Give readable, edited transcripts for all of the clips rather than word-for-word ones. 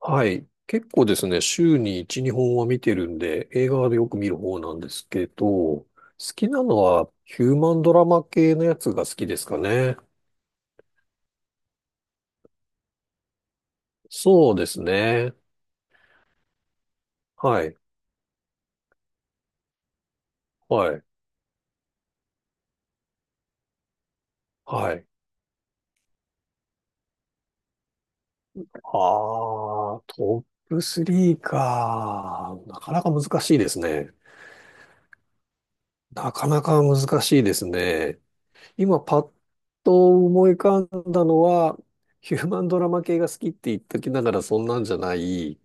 はい。結構ですね、週に1、2本は見てるんで、映画でよく見る方なんですけど、好きなのはヒューマンドラマ系のやつが好きですかね。そうですね。はい。はい。はい。トップ3か。なかなか難しいですね。なかなか難しいですね。今パッと思い浮かんだのは、ヒューマンドラマ系が好きって言っときながらそんなんじゃない、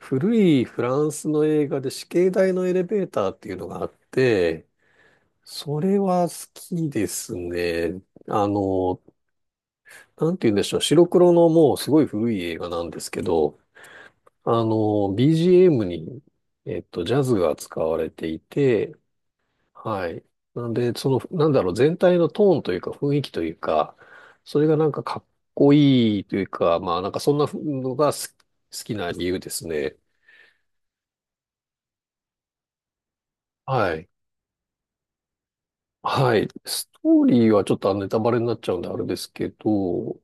古いフランスの映画で死刑台のエレベーターっていうのがあって、それは好きですね。あの、なんて言うんでしょう、白黒のもうすごい古い映画なんですけど、あの、BGM に、ジャズが使われていて、はい。なんで、その、なんだろう、全体のトーンというか、雰囲気というか、それがなんかかっこいいというか、まあなんかそんなのが好きな理由ですね。はい。はい。ストーリーはちょっとネタバレになっちゃうんであれですけど、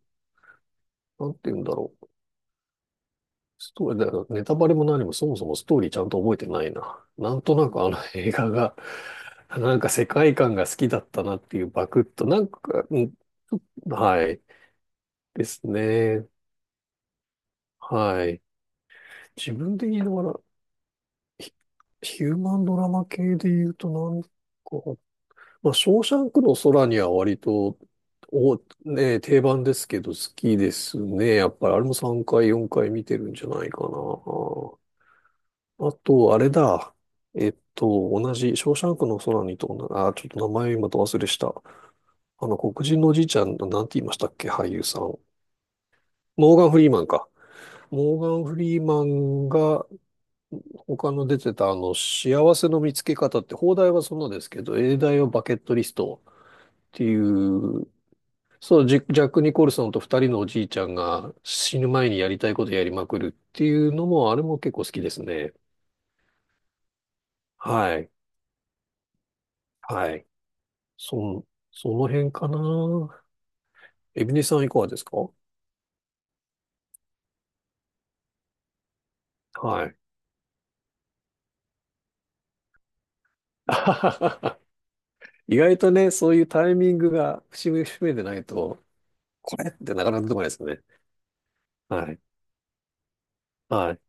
なんて言うんだろう。ストーリー、だからネタバレも何もそもそもストーリーちゃんと覚えてないな。なんとなくあの映画が、なんか世界観が好きだったなっていうバクッと、なんか、うん、はい。ですね。はい。自分的にだからヒ、ヒューマンドラマ系で言うとなんか、まあ、ショーシャンクの空には割と、お、ね、定番ですけど好きですね。やっぱりあれも3回、4回見てるんじゃないかな。あと、あれだ。同じ、ショーシャンクの空にと同じ、あ、ちょっと名前今と忘れした。あの、黒人のおじいちゃん、なんて言いましたっけ、俳優さん。モーガン・フリーマンか。モーガン・フリーマンが他の出てたあの、幸せの見つけ方って、邦題はそんなですけど、英題はバケットリストっていう、そう、ジャック・ニコルソンと二人のおじいちゃんが死ぬ前にやりたいことやりまくるっていうのも、あれも結構好きですね。はい。はい。そん、その辺かな。エビネさんいかがですか？はい。あははは意外とね、そういうタイミングが節目節目でないと、これってなかなか出てこないですよね。はい。はい。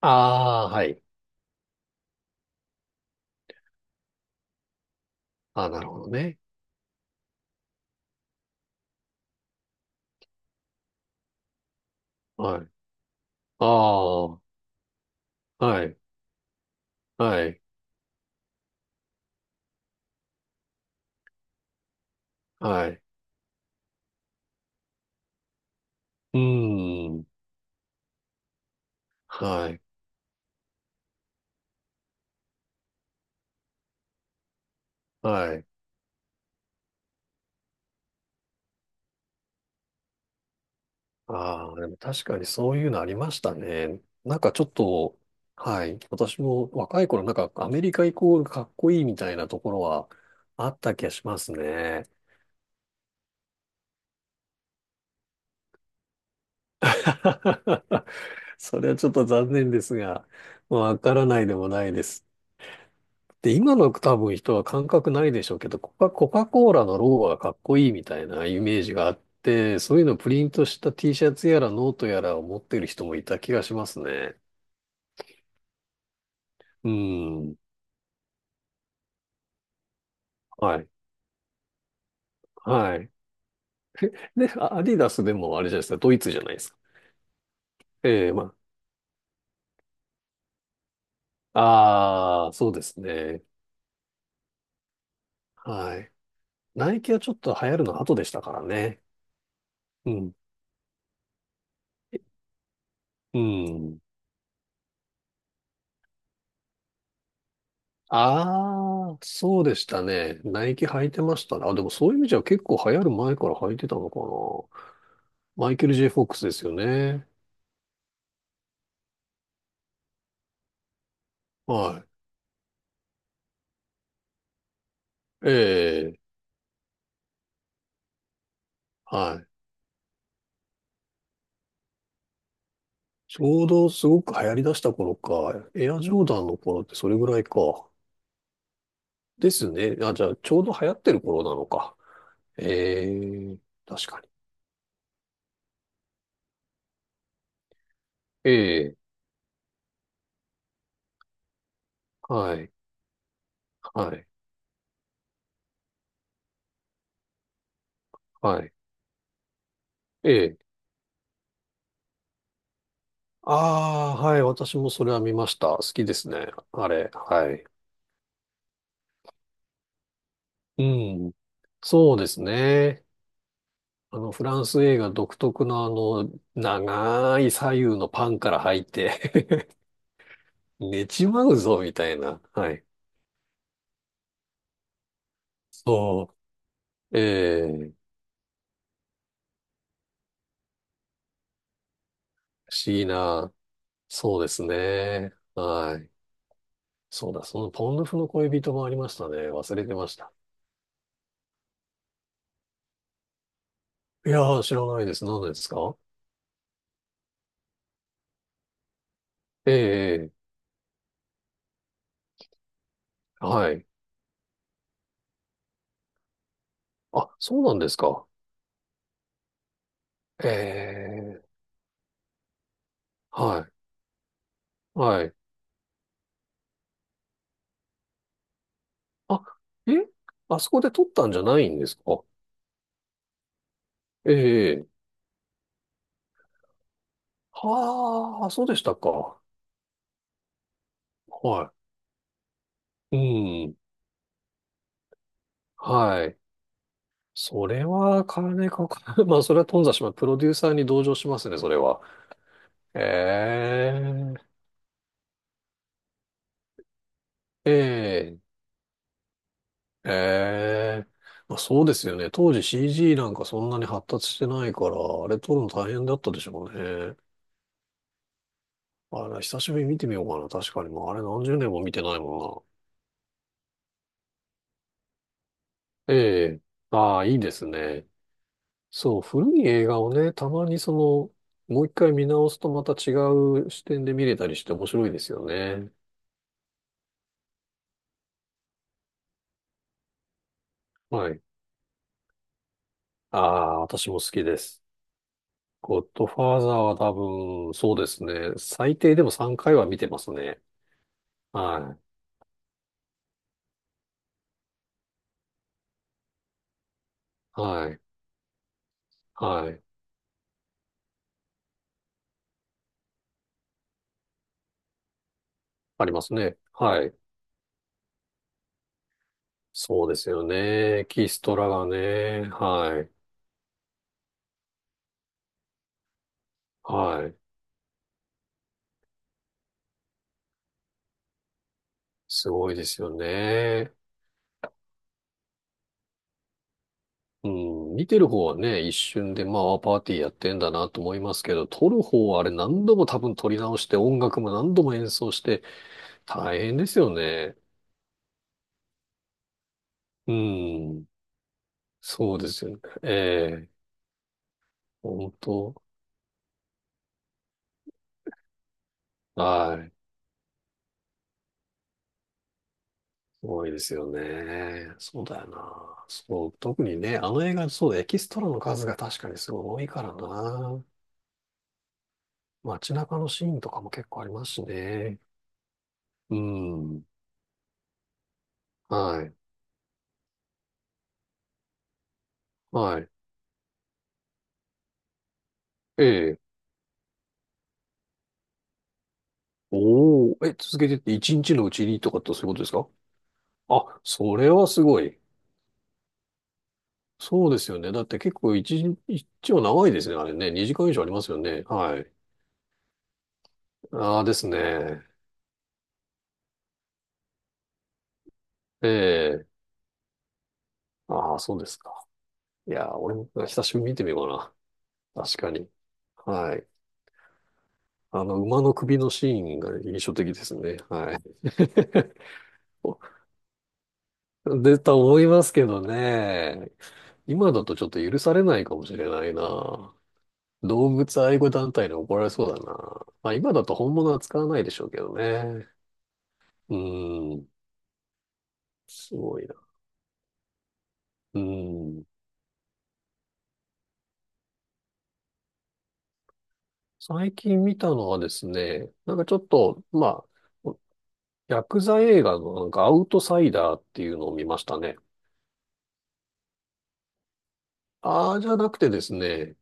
ああ、はい。ああ、なるほどね。はい。ああ、はい、はい、はい。うーん、はい、はい。ああ、でも確かにそういうのありましたね。なんかちょっと、はい。私も若い頃、なんかアメリカイコールかっこいいみたいなところはあった気がしますね。それはちょっと残念ですが、わからないでもないです。で、今の多分人は感覚ないでしょうけど、コカ・コーラのロゴがかっこいいみたいなイメージがあって、そういうのをプリントした T シャツやらノートやらを持ってる人もいた気がしますね。うん。はい。はい。で、アディダスでもあれじゃないですか、ドイツじゃないですか。ええまあ、ああ、そうですね。はい。ナイキはちょっと流行るの後でしたからね。うん。うん。ああ、そうでしたね。ナイキ履いてましたね。あ、でもそういう意味じゃ結構流行る前から履いてたのかな。マイケル・ J・フォックスですよね。はい。ええ、はい。ちょうどすごく流行り出した頃か。エアジョーダンの頃ってそれぐらいか。ですね。あ、じゃあちょうど流行ってる頃なのか。ええ、確かに。ええ、はい、はい、はい。ええ。ああ、はい。私もそれは見ました。好きですね。あれ。はい。うん。そうですね。あの、フランス映画独特のあの、長い左右のパンから入って 寝ちまうぞ、みたいな。はい。そう。ええ不思議な。そうですね。はい。そうだ、そのポンドフの恋人もありましたね。忘れてました。いやー、知らないです。何ですか？ええええはい。あ、そうなんですか。ええはい。はい。あ、えあそこで撮ったんじゃないんですか？ええ。はあ、そうでしたか。はい。うん。はい。それは金かかる。まあ、それは頓挫します。プロデューサーに同情しますね、それは。ええ、ええ、ええ。まあ、そうですよね。当時 CG なんかそんなに発達してないから、あれ撮るの大変だったでしょうね。あれ、久しぶりに見てみようかな。確かに。もうあれ何十年も見てないもんな。ええ。ああ、いいですね。そう、古い映画をね、たまにその、もう一回見直すとまた違う視点で見れたりして面白いですよね。はい。ああ、私も好きです。ゴッドファーザーは多分、そうですね。最低でも3回は見てますね。はい。はい。はい。ありますね。はい。そうですよね。キストラがね。はい。はい。すごいですよね。うん、見てる方はね、一瞬でまあパーティーやってんだなと思いますけど、撮る方はあれ何度も多分撮り直して、音楽も何度も演奏して、大変ですよね。うん、そうですよね。ええ、本当、はい、すごいですよね。そうだよな。そう、特にね、あの映画、そうだ、エキストラの数が確かにすごい多いからな。街中のシーンとかも結構ありますしね。うん、はい、はい。ええおお、え、続けてって一日のうちにとかってそういうことですか？あ、それはすごい。そうですよね。だって結構一日、一応長いですね。あれね。2時間以上ありますよね。はい。ああですね。ええ。ああ、そうですか。いやー、俺も久しぶりに見てみようかな。確かに。はい。あの、馬の首のシーンが印象的ですね。はい。で、と思いますけどね。今だとちょっと許されないかもしれないな。動物愛護団体に怒られそうだな。まあ今だと本物は使わないでしょうけどね。うん。すごいな。うん。最近見たのはですね、なんかちょっと、まあ、ヤクザ映画のなんかアウトサイダーっていうのを見ましたね。ああ、じゃなくてですね、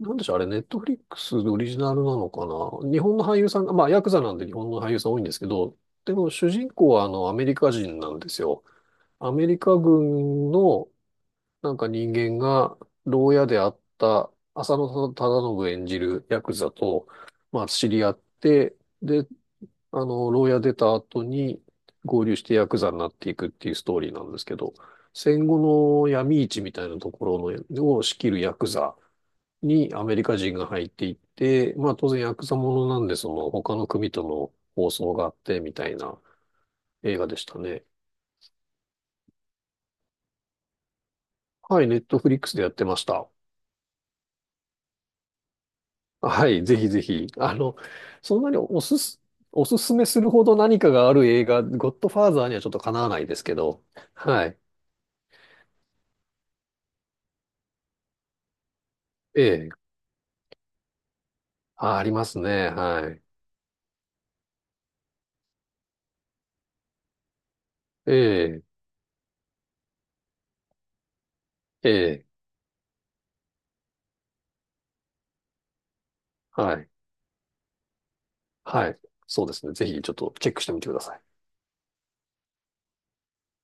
なんでしょう、あれ、ネットフリックスオリジナルなのかな。日本の俳優さんが、まあヤクザなんで日本の俳優さん多いんですけど、でも主人公はあのアメリカ人なんですよ。アメリカ軍のなんか人間が牢屋であった浅野忠信演じるヤクザと、まあ、知り合って、で、あの、牢屋出た後に合流してヤクザになっていくっていうストーリーなんですけど、戦後の闇市みたいなところのを仕切るヤクザにアメリカ人が入っていって、まあ当然ヤクザものなんで、その他の組との放送があってみたいな映画でしたね。はい、ネットフリックスでやってました。はい、ぜひぜひ。あの、そんなにおすすめするほど何かがある映画、ゴッドファーザーにはちょっとかなわないですけど、はい。ええ、あ、ありますね。はい。ええ、ええ、はい。はい。そうですね。ぜひちょっとチェックしてみてください。